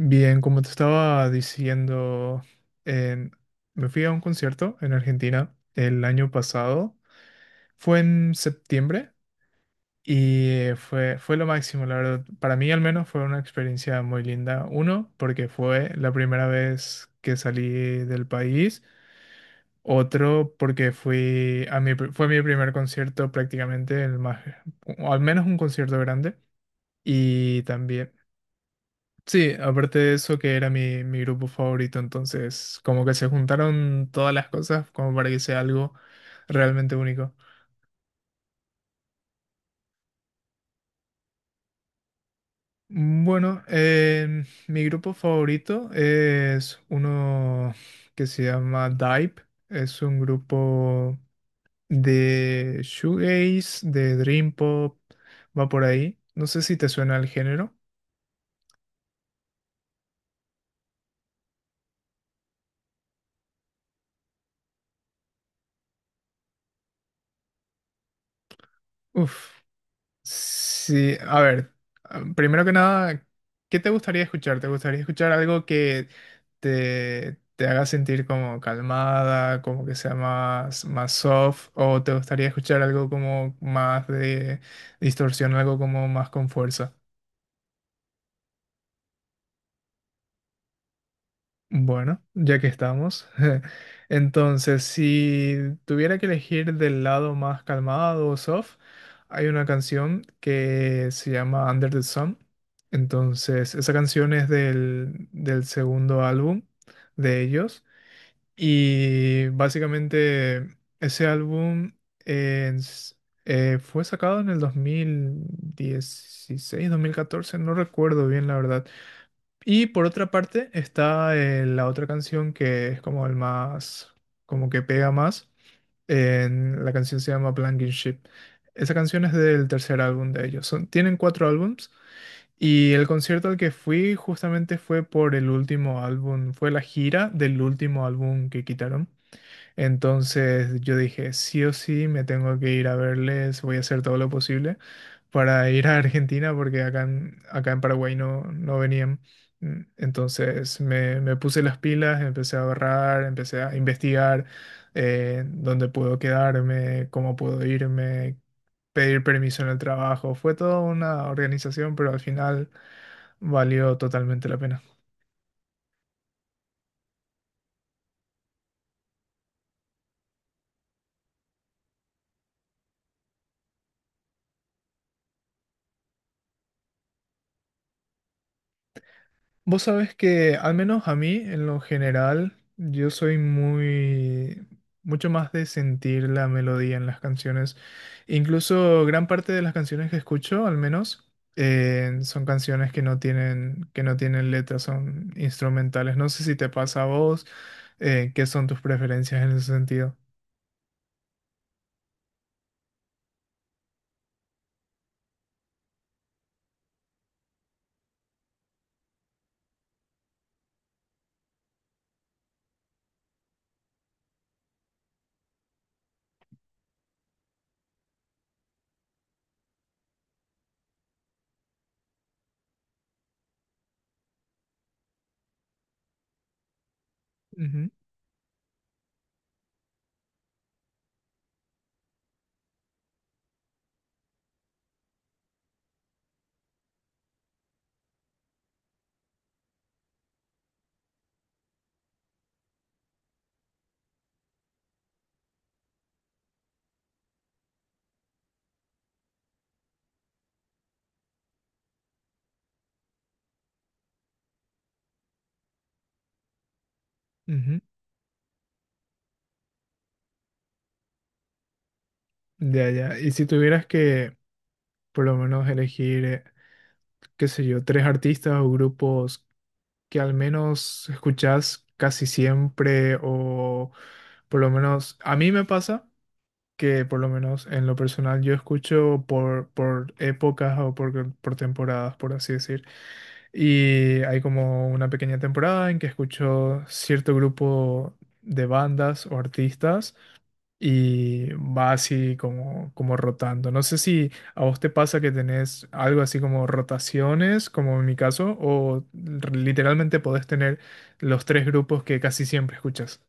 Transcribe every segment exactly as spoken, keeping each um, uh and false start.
Bien, como te estaba diciendo, en- me fui a un concierto en Argentina el año pasado. Fue en septiembre y fue, fue lo máximo, la verdad. Para mí al menos fue una experiencia muy linda. Uno, porque fue la primera vez que salí del país. Otro, porque fui a mi, pr- fue mi primer concierto prácticamente, el más, o al menos un concierto grande. Y también... Sí, aparte de eso que era mi, mi grupo favorito, entonces como que se juntaron todas las cosas como para que sea algo realmente único. Bueno, em, mi grupo favorito es uno que se llama Dive, es un grupo de shoegaze, de dream pop, va por ahí. No sé si te suena el género. Uf. Sí, a ver, ah, primero que nada, ¿qué te gustaría escuchar? ¿Te gustaría escuchar algo que te, te haga sentir como calmada, como que sea más, más soft? ¿O te gustaría escuchar algo como más de distorsión, algo como más con fuerza? Bueno, ya que estamos, entonces si tuviera que elegir del lado más calmado o soft, hay una canción que se llama Under the Sun. Entonces, esa canción es del, del segundo álbum de ellos y básicamente ese álbum es- eh, fue sacado en el dos dos mil dieciséis dos mil catorce no recuerdo bien la verdad y por otra parte está eh, la otra canción que es como el más, como que pega más. En- la canción se llama Blanking Ship. Esa canción es del tercer álbum de ellos. Son- tienen cuatro álbums y el concierto al que fui justamente fue por el último álbum, fue la gira del último álbum que quitaron. Entonces yo dije, sí o sí, me tengo que ir a verles, voy a hacer todo lo posible para ir a Argentina porque acá en, acá en Paraguay no, no venían. Mm, entonces me, me puse las pilas, empecé a ahorrar, empecé a investigar eh, dónde puedo quedarme, cómo puedo irme, pedir permiso en el trabajo. Fue toda una organización, pero al final valió totalmente la pena. Vos sabés que, al menos a mí, en lo general, yo soy muy, mucho más de sentir la melodía en las canciones. Incluso gran parte de las canciones que escucho, al menos, eh, son canciones que no tienen, que no tienen letras, son instrumentales. No sé si te pasa a vos, eh, qué son tus preferencias en ese sentido. Ujú, ujú. Ya, ya. Y si tuvieras que, por lo menos, elegir, eh, qué sé yo, tres artistas o grupos que al menos escuchás casi siempre o por lo menos a mí me pasa que por lo menos en lo personal yo escucho por, por épocas o por, por temporadas, por así decir. Y hay como una pequeña temporada en que escucho cierto grupo de bandas o artistas y va así como, como rotando. No sé si a vos te pasa que tenés algo así como rotaciones, como en mi caso, o r- literalmente podés tener los tres grupos que casi siempre escuchas.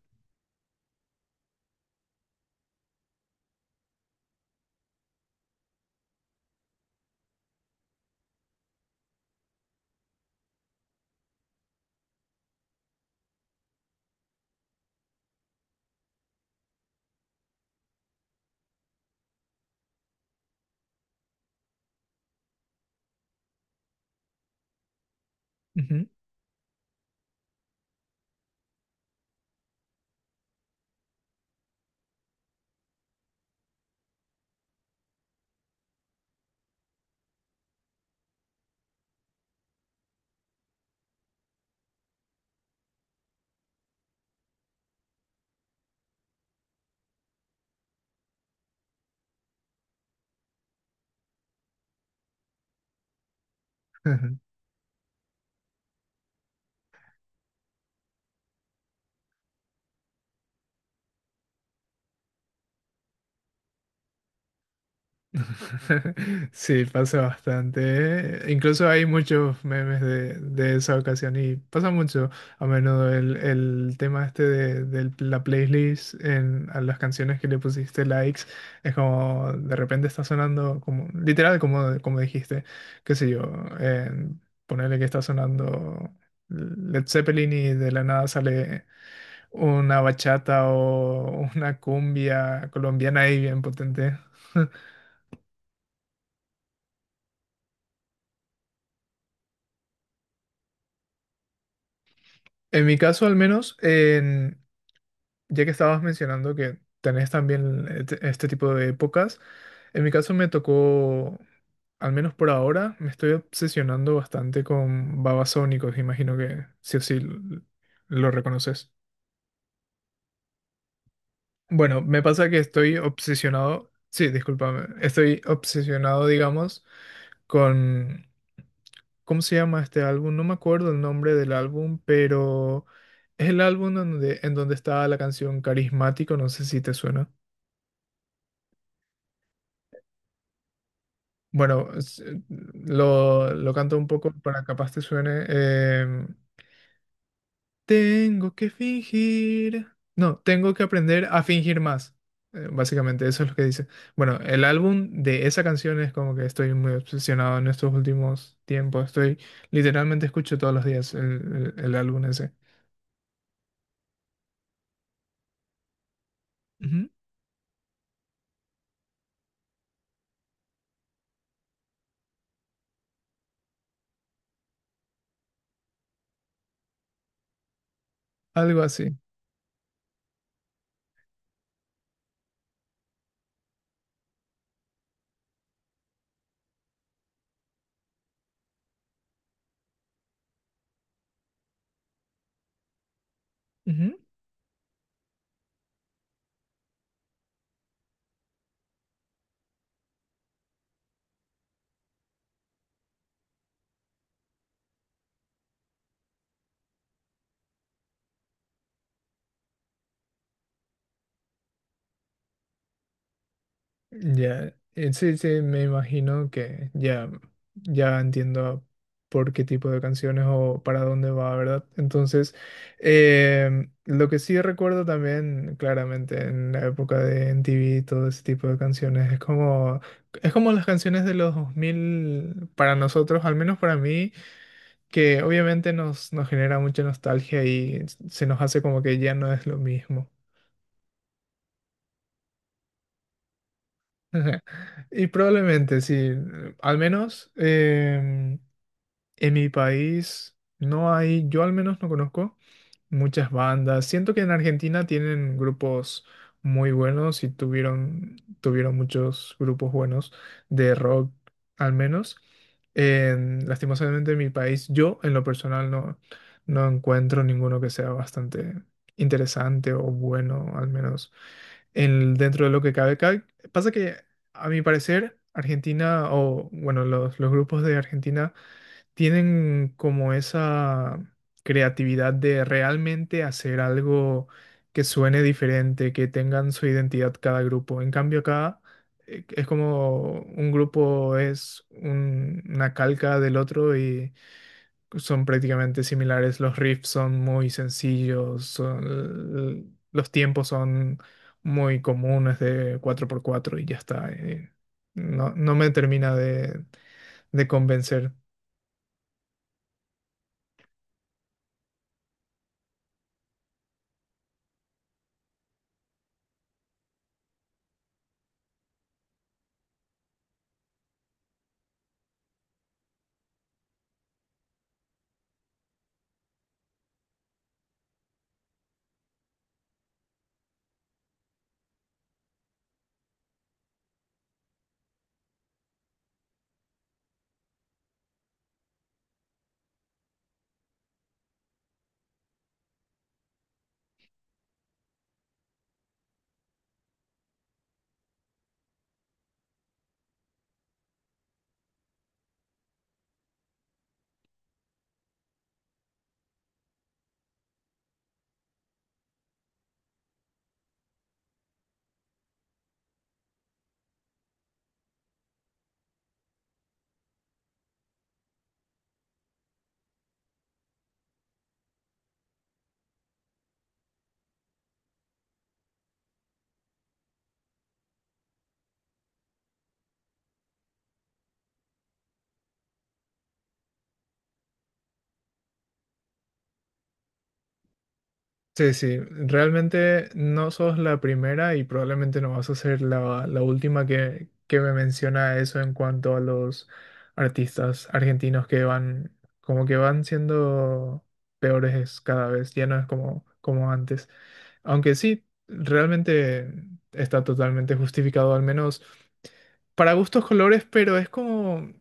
Ujú. Sí, pasa bastante. eh, Incluso hay muchos memes de, de esa ocasión y pasa mucho a menudo el, el tema este de, de la playlist en, a las canciones que le pusiste likes. Es como de repente está sonando como, literal como, como dijiste, qué sé yo, eh, ponerle que está sonando Led Zeppelin y de la nada sale una bachata o una cumbia colombiana ahí bien potente. En mi caso, al menos, en- ya que estabas mencionando que tenés también este, este tipo de épocas, en mi caso me tocó, al menos por ahora, me estoy obsesionando bastante con babasónicos, imagino que sí o sí l- lo reconoces. Bueno, me pasa que estoy obsesionado, sí, discúlpame, estoy obsesionado, digamos, con ¿cómo se llama este álbum? No me acuerdo el nombre del álbum, pero es el álbum donde, en donde está la canción Carismático, no sé si te suena. Bueno, es- eh, lo, lo canto un poco para capaz te suene. Eh, tengo que fingir. No, tengo que aprender a fingir más. Eh, básicamente, eso es lo que dice. Bueno, el álbum de esa canción es como que estoy muy obsesionado en estos últimos tiempos. Estoy, literalmente escucho todos los días el, el- el álbum ese. Ujú, algo así. Ujú. Ya, eh, sí, sí, me imagino que ya, ya entiendo por qué tipo de canciones o para dónde va, ¿verdad? Entonces, em, lo que sí recuerdo también, claramente, en la época de M T V, todo ese tipo de canciones, es como, es como las canciones de los dos mil para nosotros, al menos para mí, que obviamente nos, nos genera mucha nostalgia y se nos hace como que ya no es lo mismo. Ajá. Y probablemente sí, al menos em, en mi país no hay, yo al menos no conozco muchas bandas. Siento que en Argentina tienen grupos muy buenos y tuvieron, tuvieron muchos grupos buenos de rock, al menos. En, lastimosamente en mi país, yo en lo personal no, no encuentro ninguno que sea bastante interesante o bueno, al menos el- dentro de lo que cabe. Cabe- Pasa que, a mi parecer, Argentina, o bueno, los, los grupos de Argentina tienen como esa creatividad de realmente hacer algo que suene diferente, que tengan su identidad cada grupo. En cambio, acá eh, es como un grupo es un- una calca del otro, son prácticamente similares, los riffs son muy sencillos, son- los tiempos son muy comunes de cuatro por cuatro y ya está. eh, No, no me termina de, de convencer. Sí, sí, realmente no sos la primera y probablemente no vas a ser la, la última que, que me menciona eso en cuanto a los artistas argentinos que van, como que van siendo peores cada vez, ya no es como, como antes. Aunque sí, realmente está totalmente justificado, al menos para gustos colores, pero es como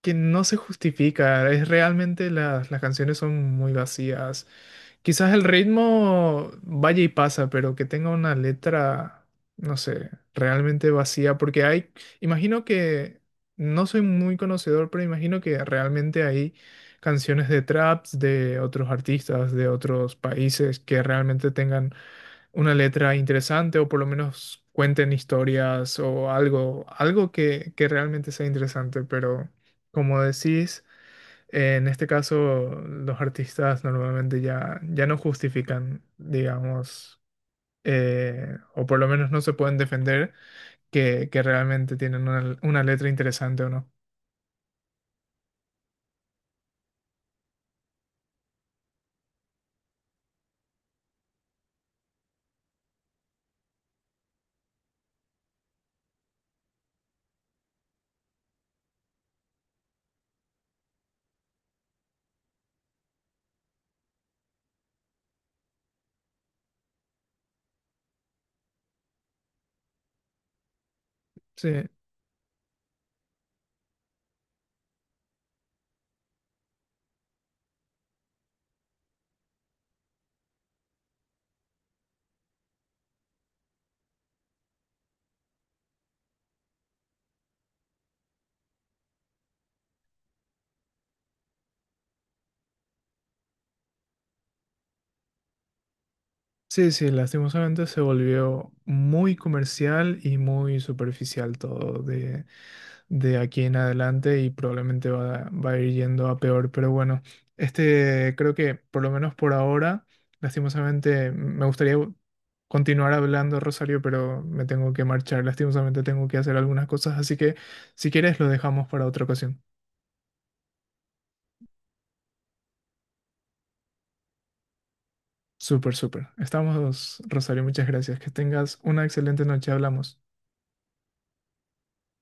que no se justifica. Es realmente las, las canciones son muy vacías. Quizás el ritmo vaya y pasa, pero que tenga una letra, no sé, realmente vacía, porque hay, imagino que, no soy muy conocedor, pero imagino que realmente hay canciones de traps de otros artistas, de otros países que realmente tengan una letra interesante o por lo menos cuenten historias o algo, algo que, que realmente sea interesante, pero como decís, en este caso los artistas normalmente ya, ya no justifican, digamos, eh, o por lo menos no se pueden defender que, que realmente tienen una, una letra interesante o no. Sí. Sí, sí, lastimosamente se volvió muy comercial y muy superficial todo de aquí en adelante y probablemente va, va a ir yendo a peor. Pero bueno, este creo que por lo menos por ahora, lastimosamente, me gustaría continuar hablando, Rosario, pero me tengo que marchar. Lastimosamente tengo que hacer algunas cosas, así que si quieres lo dejamos para otra ocasión. Súper, súper. Estamos, Rosario, muchas gracias. Que tengas una excelente noche. Hablamos.